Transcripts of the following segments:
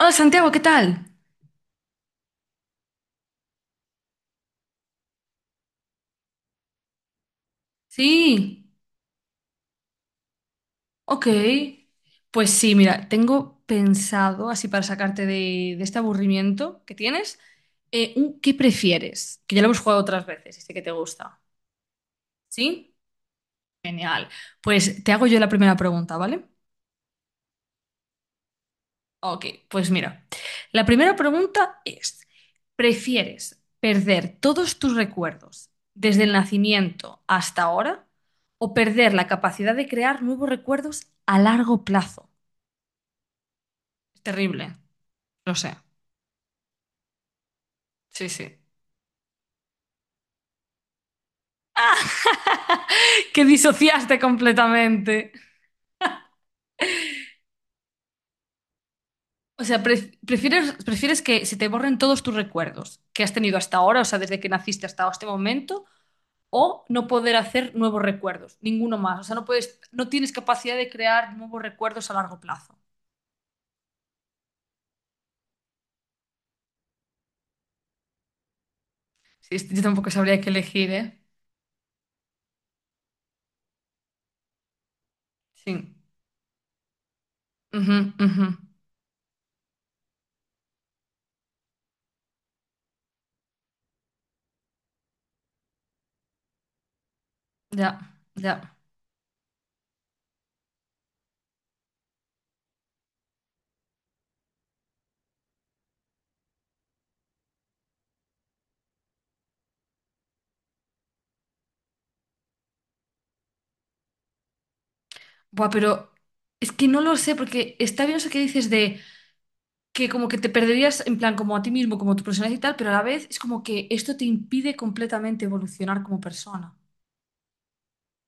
Hola Santiago, ¿qué tal? Sí, ok. Pues sí, mira, tengo pensado, así para sacarte de este aburrimiento que tienes, un ¿qué prefieres? Que ya lo hemos jugado otras veces y sé que te gusta. ¿Sí? Genial. Pues te hago yo la primera pregunta, ¿vale? Ok, pues mira, la primera pregunta es, ¿prefieres perder todos tus recuerdos desde el nacimiento hasta ahora o perder la capacidad de crear nuevos recuerdos a largo plazo? Terrible, lo sé. Sí, sí. Que disociaste completamente. O sea, prefieres que se te borren todos tus recuerdos que has tenido hasta ahora, o sea, desde que naciste hasta este momento, o no poder hacer nuevos recuerdos, ninguno más. O sea, no puedes, no tienes capacidad de crear nuevos recuerdos a largo plazo. Sí, yo tampoco sabría qué elegir, ¿eh? Sí. Ujú, ujú. Ya, ya. Buah, pero es que no lo sé, porque está bien eso que dices de. Que como que te perderías en plan como a ti mismo, como tu personalidad y tal, pero a la vez es como que esto te impide completamente evolucionar como persona.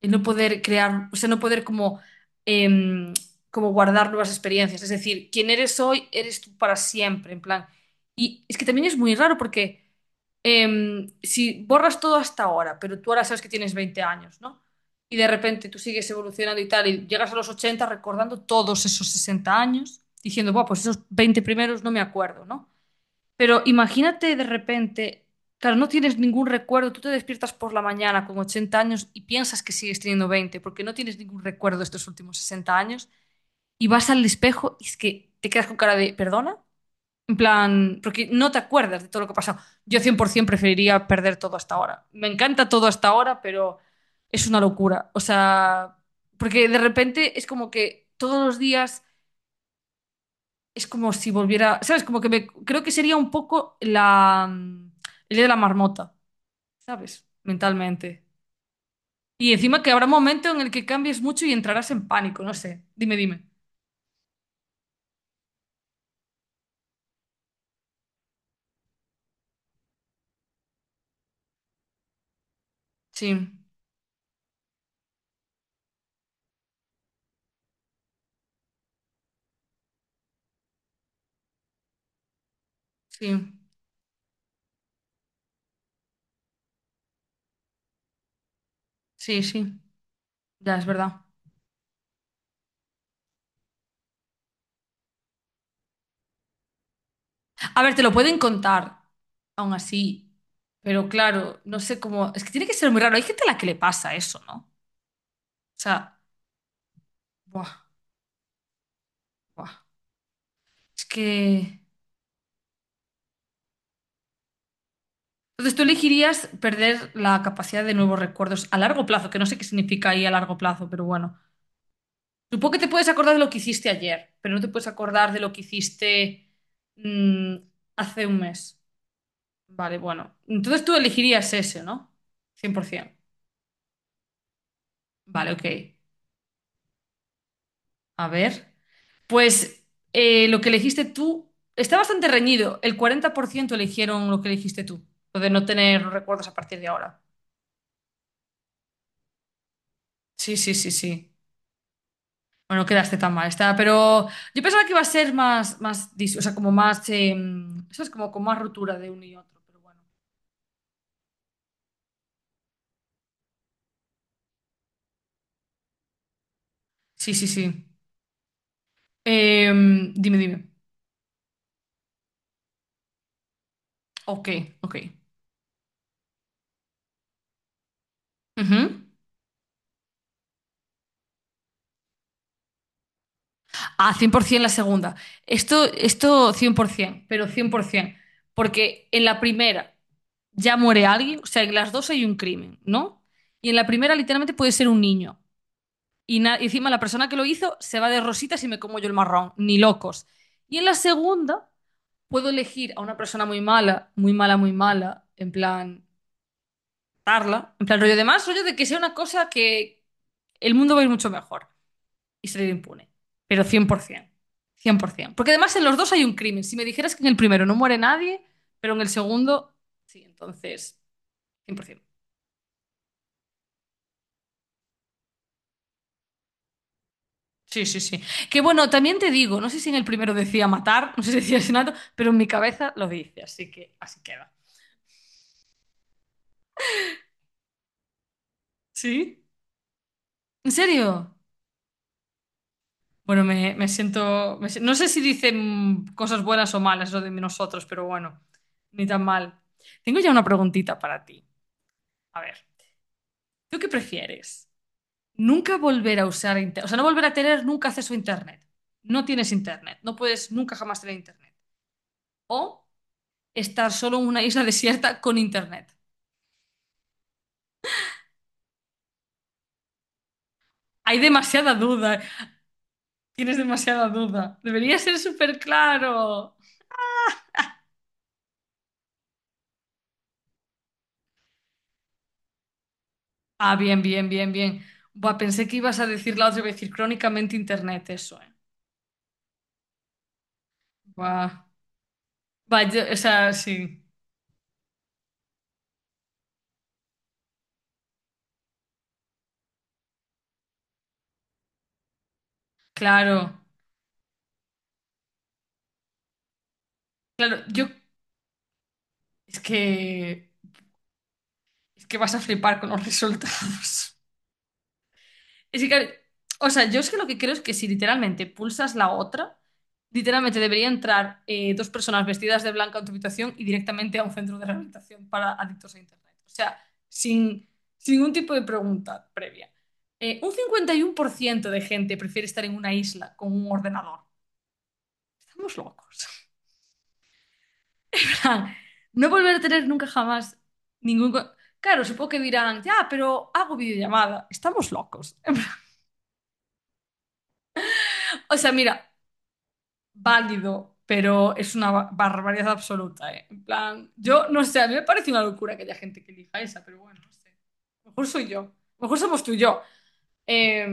El no poder crear, o sea, no poder como, em, como guardar nuevas experiencias. Es decir, quien eres hoy, eres tú para siempre, en plan. Y es que también es muy raro porque si borras todo hasta ahora, pero tú ahora sabes que tienes 20 años, ¿no? Y de repente tú sigues evolucionando y tal, y llegas a los 80 recordando todos esos 60 años, diciendo, bueno, pues esos 20 primeros no me acuerdo, ¿no? Pero imagínate de repente, claro, no tienes ningún recuerdo, tú te despiertas por la mañana con 80 años y piensas que sigues teniendo 20, porque no tienes ningún recuerdo de estos últimos 60 años y vas al espejo y es que te quedas con cara de, ¿perdona? En plan, porque no te acuerdas de todo lo que ha pasado. Yo 100% preferiría perder todo hasta ahora. Me encanta todo hasta ahora, pero es una locura. O sea, porque de repente es como que todos los días es como si volviera, ¿sabes? Como que creo que sería un poco el día de la marmota, ¿sabes? Mentalmente. Y encima que habrá un momento en el que cambies mucho y entrarás en pánico, no sé. Dime, dime. Sí, sí, sí, sí. Ya es verdad. A ver, te lo pueden contar, aún así. Pero claro, no sé cómo. Es que tiene que ser muy raro. Hay gente a la que le pasa eso, ¿no? O sea, buah, buah. Es que. Entonces, tú elegirías perder la capacidad de nuevos recuerdos a largo plazo, que no sé qué significa ahí a largo plazo, pero bueno. Supongo que te puedes acordar de lo que hiciste ayer, pero no te puedes acordar de lo que hiciste mm, hace un mes. Vale, bueno. Entonces tú elegirías ese, ¿no? 100%. Vale, ok. A ver. Pues lo que elegiste tú está bastante reñido. El 40% eligieron lo que elegiste tú, lo de no tener recuerdos a partir de ahora. Sí, sí, sí, sí. Bueno, no quedaste tan mal, está. Pero yo pensaba que iba a ser más, o sea, como más, ¿sabes? Como con más rotura de uno y otro, pero bueno. Sí, sí, sí. Eh, dime, dime. Ok, ok. Ujú. Ah, 100% la segunda. Esto 100%, pero 100%. Porque en la primera ya muere alguien, o sea, en las dos hay un crimen, ¿no? Y en la primera literalmente puede ser un niño. Y y encima la persona que lo hizo se va de rositas y me como yo el marrón, ni locos. Y en la segunda... puedo elegir a una persona muy mala, muy mala, muy mala, en plan, tarla, en plan rollo de más, rollo de que sea una cosa que el mundo va a ir mucho mejor y salir impune, pero cien, por ciento, cien por 100%. Porque además en los dos hay un crimen. Si me dijeras que en el primero no muere nadie, pero en el segundo, sí, entonces, 100%. Sí, sí, sí. Que bueno, también te digo, no sé si en el primero decía matar, no sé si decía asesinato, pero en mi cabeza lo dice, así que así queda. ¿Sí? ¿En serio? Bueno, me siento. Me si- No sé si dicen cosas buenas o malas lo de nosotros, pero bueno, ni tan mal. Tengo ya una preguntita para ti. A ver, ¿tú qué prefieres? Nunca volver a usar internet. O sea, no volver a tener nunca acceso a internet. No tienes internet. No puedes nunca jamás tener internet. O estar solo en una isla desierta con internet. Hay demasiada duda. Tienes demasiada duda. Debería ser súper claro. Ah, bien, bien, bien, bien. Buah, pensé que ibas a decir la otra vez, decir crónicamente internet, eso, eh. Buah. Buah, o sea, sí. Claro. Claro, yo es que es que vas a flipar con los resultados. Es que, claro, o sea, yo es que lo que creo es que si literalmente pulsas la otra, literalmente debería entrar dos personas vestidas de blanco a tu habitación y directamente a un centro de rehabilitación para adictos a Internet. O sea, sin, sin ningún tipo de pregunta previa. Un 51% de gente prefiere estar en una isla con un ordenador. Estamos locos. En plan, no volver a tener nunca jamás ningún... Claro, supongo que dirán, ya, pero hago videollamada. Estamos locos. O sea, mira, válido, pero es una barbaridad absoluta, ¿eh? En plan, yo no sé, a mí me parece una locura que haya gente que elija esa, pero bueno, no sé. A lo mejor soy yo, a lo mejor somos tú y yo. Eh,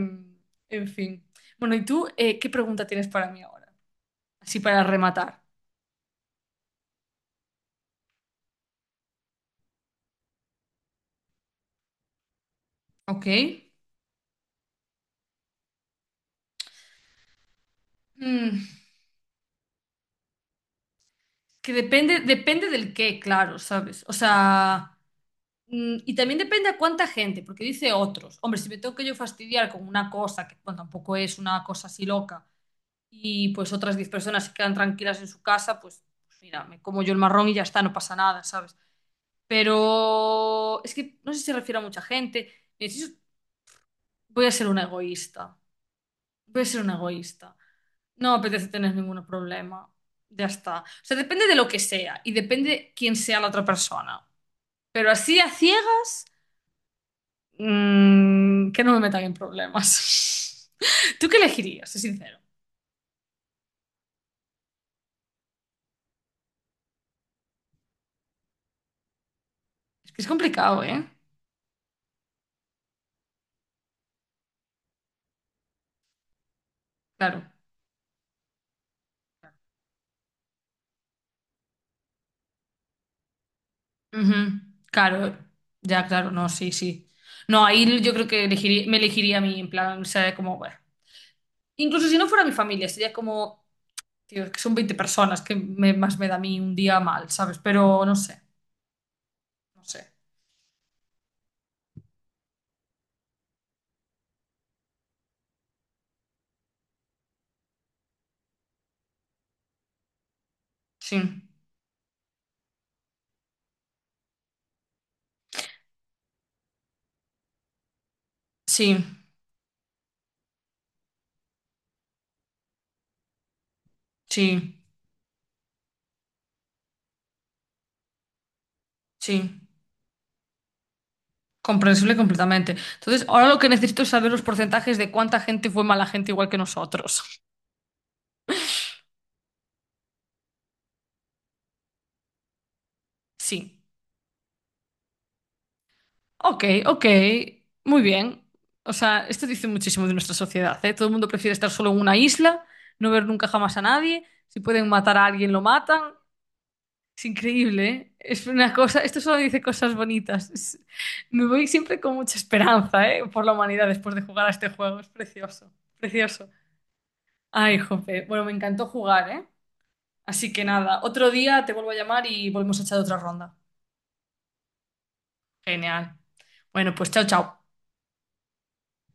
en fin. Bueno, ¿y tú qué pregunta tienes para mí ahora? Así para rematar, ¿ok? Mm, que depende del qué, claro, ¿sabes? O sea, y también depende a cuánta gente, porque dice otros. Hombre, si me tengo que yo fastidiar con una cosa, que bueno, tampoco es una cosa así loca y pues otras 10 personas se quedan tranquilas en su casa, pues, mira, me como yo el marrón y ya está, no pasa nada, ¿sabes? Pero es que no sé si se refiere a mucha gente. Mira, si voy a ser una egoísta, voy a ser una egoísta. No me apetece tener ningún problema, ya está. O sea, depende de lo que sea y depende quién sea la otra persona. Pero así a ciegas, que no me metan en problemas. ¿Tú qué elegirías? Es sincero. Es que es complicado, ¿eh? Claro. Ujú, claro, ya, claro, no, sí, sí. No, ahí yo creo que elegiría, me elegiría a mí, en plan, o sea, como, bueno. Incluso si no fuera mi familia, sería como, tío, es que son 20 personas, que más me da a mí un día mal, ¿sabes? Pero no sé, no sé. Sí, sí, sí, sí. Comprensible completamente. Entonces, ahora lo que necesito es saber los porcentajes de cuánta gente fue mala gente igual que nosotros. Sí. Ok, ok, muy bien. O sea, esto dice muchísimo de nuestra sociedad, ¿eh? Todo el mundo prefiere estar solo en una isla, no ver nunca jamás a nadie. Si pueden matar a alguien, lo matan. Es increíble, ¿eh? Es una cosa, esto solo dice cosas bonitas. Me voy siempre con mucha esperanza, ¿eh? Por la humanidad después de jugar a este juego. Es precioso, precioso. Ay, jope. Bueno, me encantó jugar, ¿eh? Así que nada, otro día te vuelvo a llamar y volvemos a echar otra ronda. Genial. Bueno, pues chao, chao.